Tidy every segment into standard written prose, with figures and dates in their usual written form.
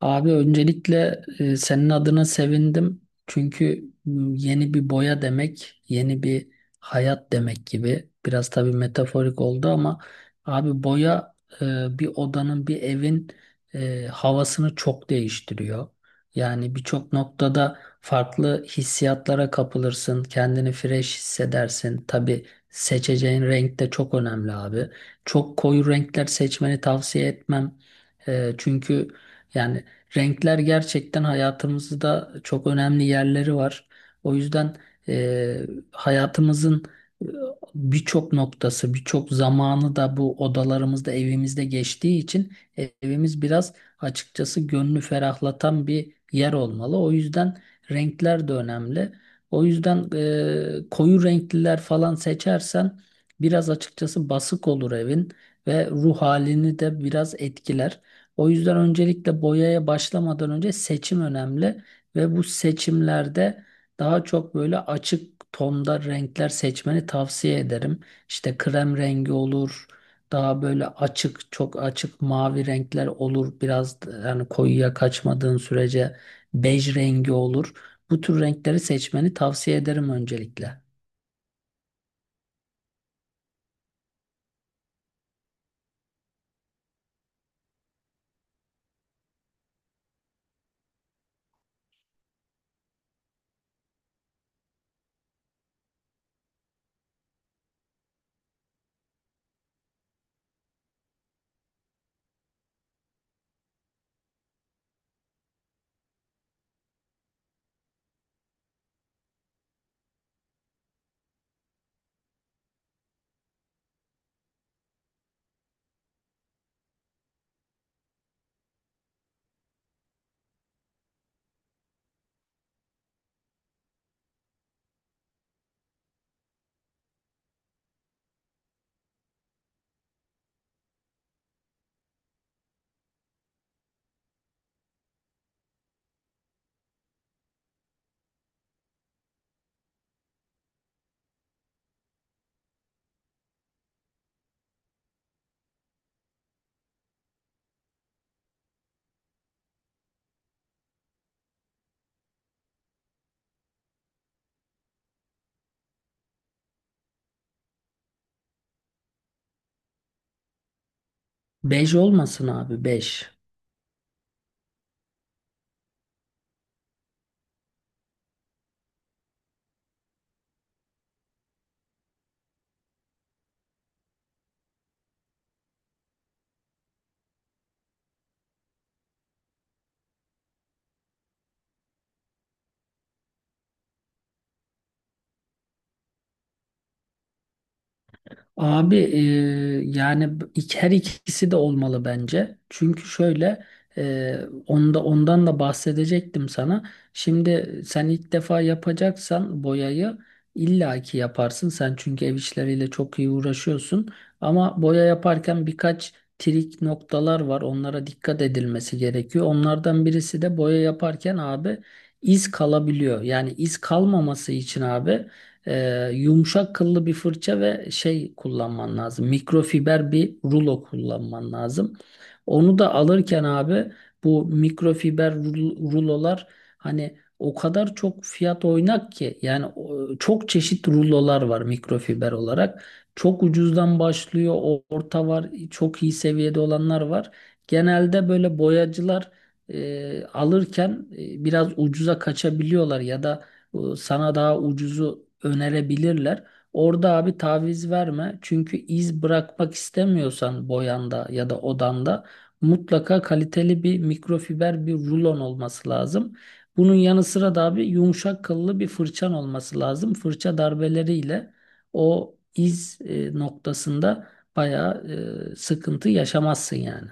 Abi öncelikle senin adına sevindim. Çünkü yeni bir boya demek, yeni bir hayat demek gibi. Biraz tabii metaforik oldu ama abi boya e, bir odanın, bir evin havasını çok değiştiriyor. Yani birçok noktada farklı hissiyatlara kapılırsın, kendini fresh hissedersin. Tabii seçeceğin renk de çok önemli abi. Çok koyu renkler seçmeni tavsiye etmem. Çünkü yani renkler gerçekten hayatımızda çok önemli yerleri var. O yüzden e, hayatımızın e, birçok noktası, birçok zamanı da bu odalarımızda, evimizde geçtiği için evimiz biraz açıkçası gönlü ferahlatan bir yer olmalı. O yüzden renkler de önemli. O yüzden koyu renkliler falan seçersen biraz açıkçası basık olur evin ve ruh halini de biraz etkiler. O yüzden öncelikle boyaya başlamadan önce seçim önemli ve bu seçimlerde daha çok böyle açık tonda renkler seçmeni tavsiye ederim. İşte krem rengi olur, daha böyle açık, çok açık mavi renkler olur. Biraz da yani koyuya kaçmadığın sürece bej rengi olur. Bu tür renkleri seçmeni tavsiye ederim öncelikle. Bej olmasın abi, bej. Abi yani her ikisi de olmalı bence. Çünkü şöyle e, ondan da bahsedecektim sana. Şimdi sen ilk defa yapacaksan boyayı illaki yaparsın. Sen çünkü ev işleriyle çok iyi uğraşıyorsun. Ama boya yaparken birkaç trik noktalar var. Onlara dikkat edilmesi gerekiyor. Onlardan birisi de boya yaparken abi iz kalabiliyor. Yani iz kalmaması için abi. Yumuşak kıllı bir fırça ve şey kullanman lazım. Mikrofiber bir rulo kullanman lazım. Onu da alırken abi bu mikrofiber rulolar, hani o kadar çok fiyat oynak ki yani çok çeşit rulolar var mikrofiber olarak. Çok ucuzdan başlıyor, orta var, çok iyi seviyede olanlar var. Genelde böyle boyacılar alırken biraz ucuza kaçabiliyorlar ya da bu sana daha ucuzu önerebilirler. Orada abi taviz verme. Çünkü iz bırakmak istemiyorsan boyanda ya da odanda mutlaka kaliteli bir mikrofiber bir rulon olması lazım. Bunun yanı sıra da abi yumuşak kıllı bir fırçan olması lazım. Fırça darbeleriyle o iz noktasında bayağı sıkıntı yaşamazsın yani.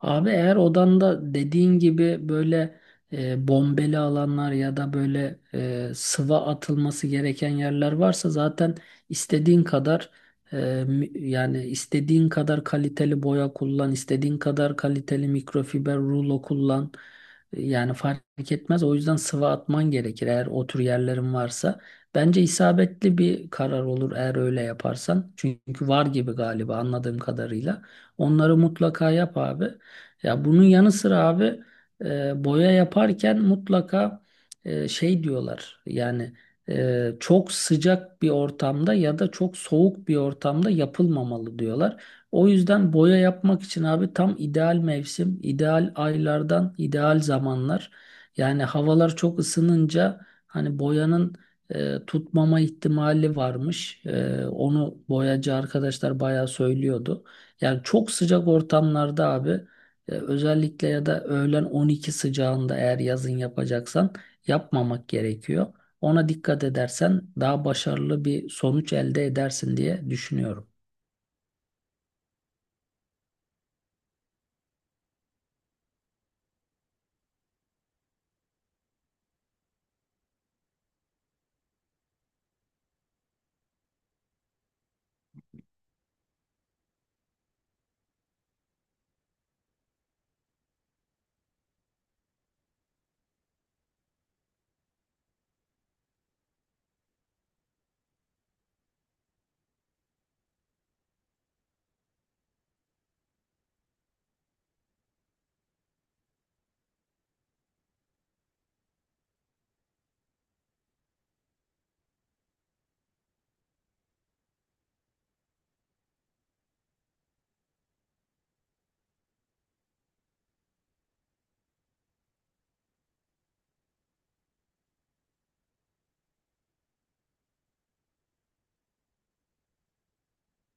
Abi eğer odanda dediğin gibi böyle bombeli alanlar ya da böyle sıva atılması gereken yerler varsa zaten istediğin kadar yani istediğin kadar kaliteli boya kullan, istediğin kadar kaliteli mikrofiber rulo kullan. Yani fark etmez. O yüzden sıva atman gerekir eğer o tür yerlerin varsa. Bence isabetli bir karar olur eğer öyle yaparsan. Çünkü var gibi galiba anladığım kadarıyla. Onları mutlaka yap abi. Ya bunun yanı sıra abi boya yaparken mutlaka şey diyorlar yani çok sıcak bir ortamda ya da çok soğuk bir ortamda yapılmamalı diyorlar. O yüzden boya yapmak için abi tam ideal mevsim, ideal aylardan ideal zamanlar. Yani havalar çok ısınınca hani boyanın tutmama ihtimali varmış. Onu boyacı arkadaşlar bayağı söylüyordu. Yani çok sıcak ortamlarda abi. Özellikle ya da öğlen 12 sıcağında eğer yazın yapacaksan yapmamak gerekiyor. Ona dikkat edersen daha başarılı bir sonuç elde edersin diye düşünüyorum.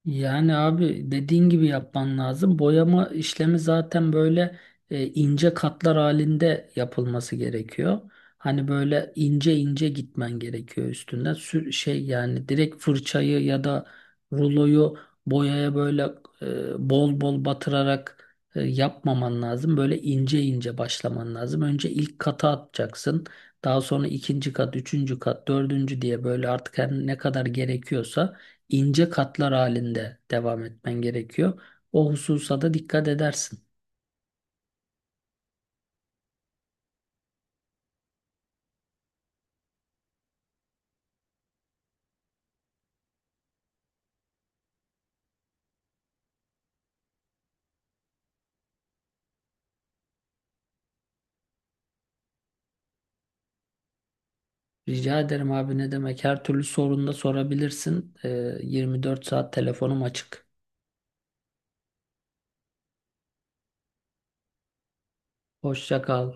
Yani abi dediğin gibi yapman lazım. Boyama işlemi zaten böyle ince katlar halinde yapılması gerekiyor. Hani böyle ince ince gitmen gerekiyor üstünde. Sür, şey yani direkt fırçayı ya da ruloyu boyaya böyle bol bol batırarak yapmaman lazım. Böyle ince ince başlaman lazım. Önce ilk kata atacaksın. Daha sonra ikinci kat, üçüncü kat, dördüncü diye böyle artık her ne kadar gerekiyorsa ince katlar halinde devam etmen gerekiyor. O hususa da dikkat edersin. Rica ederim abi, ne demek? Her türlü sorunda sorabilirsin. 24 saat telefonum açık. Hoşça kal.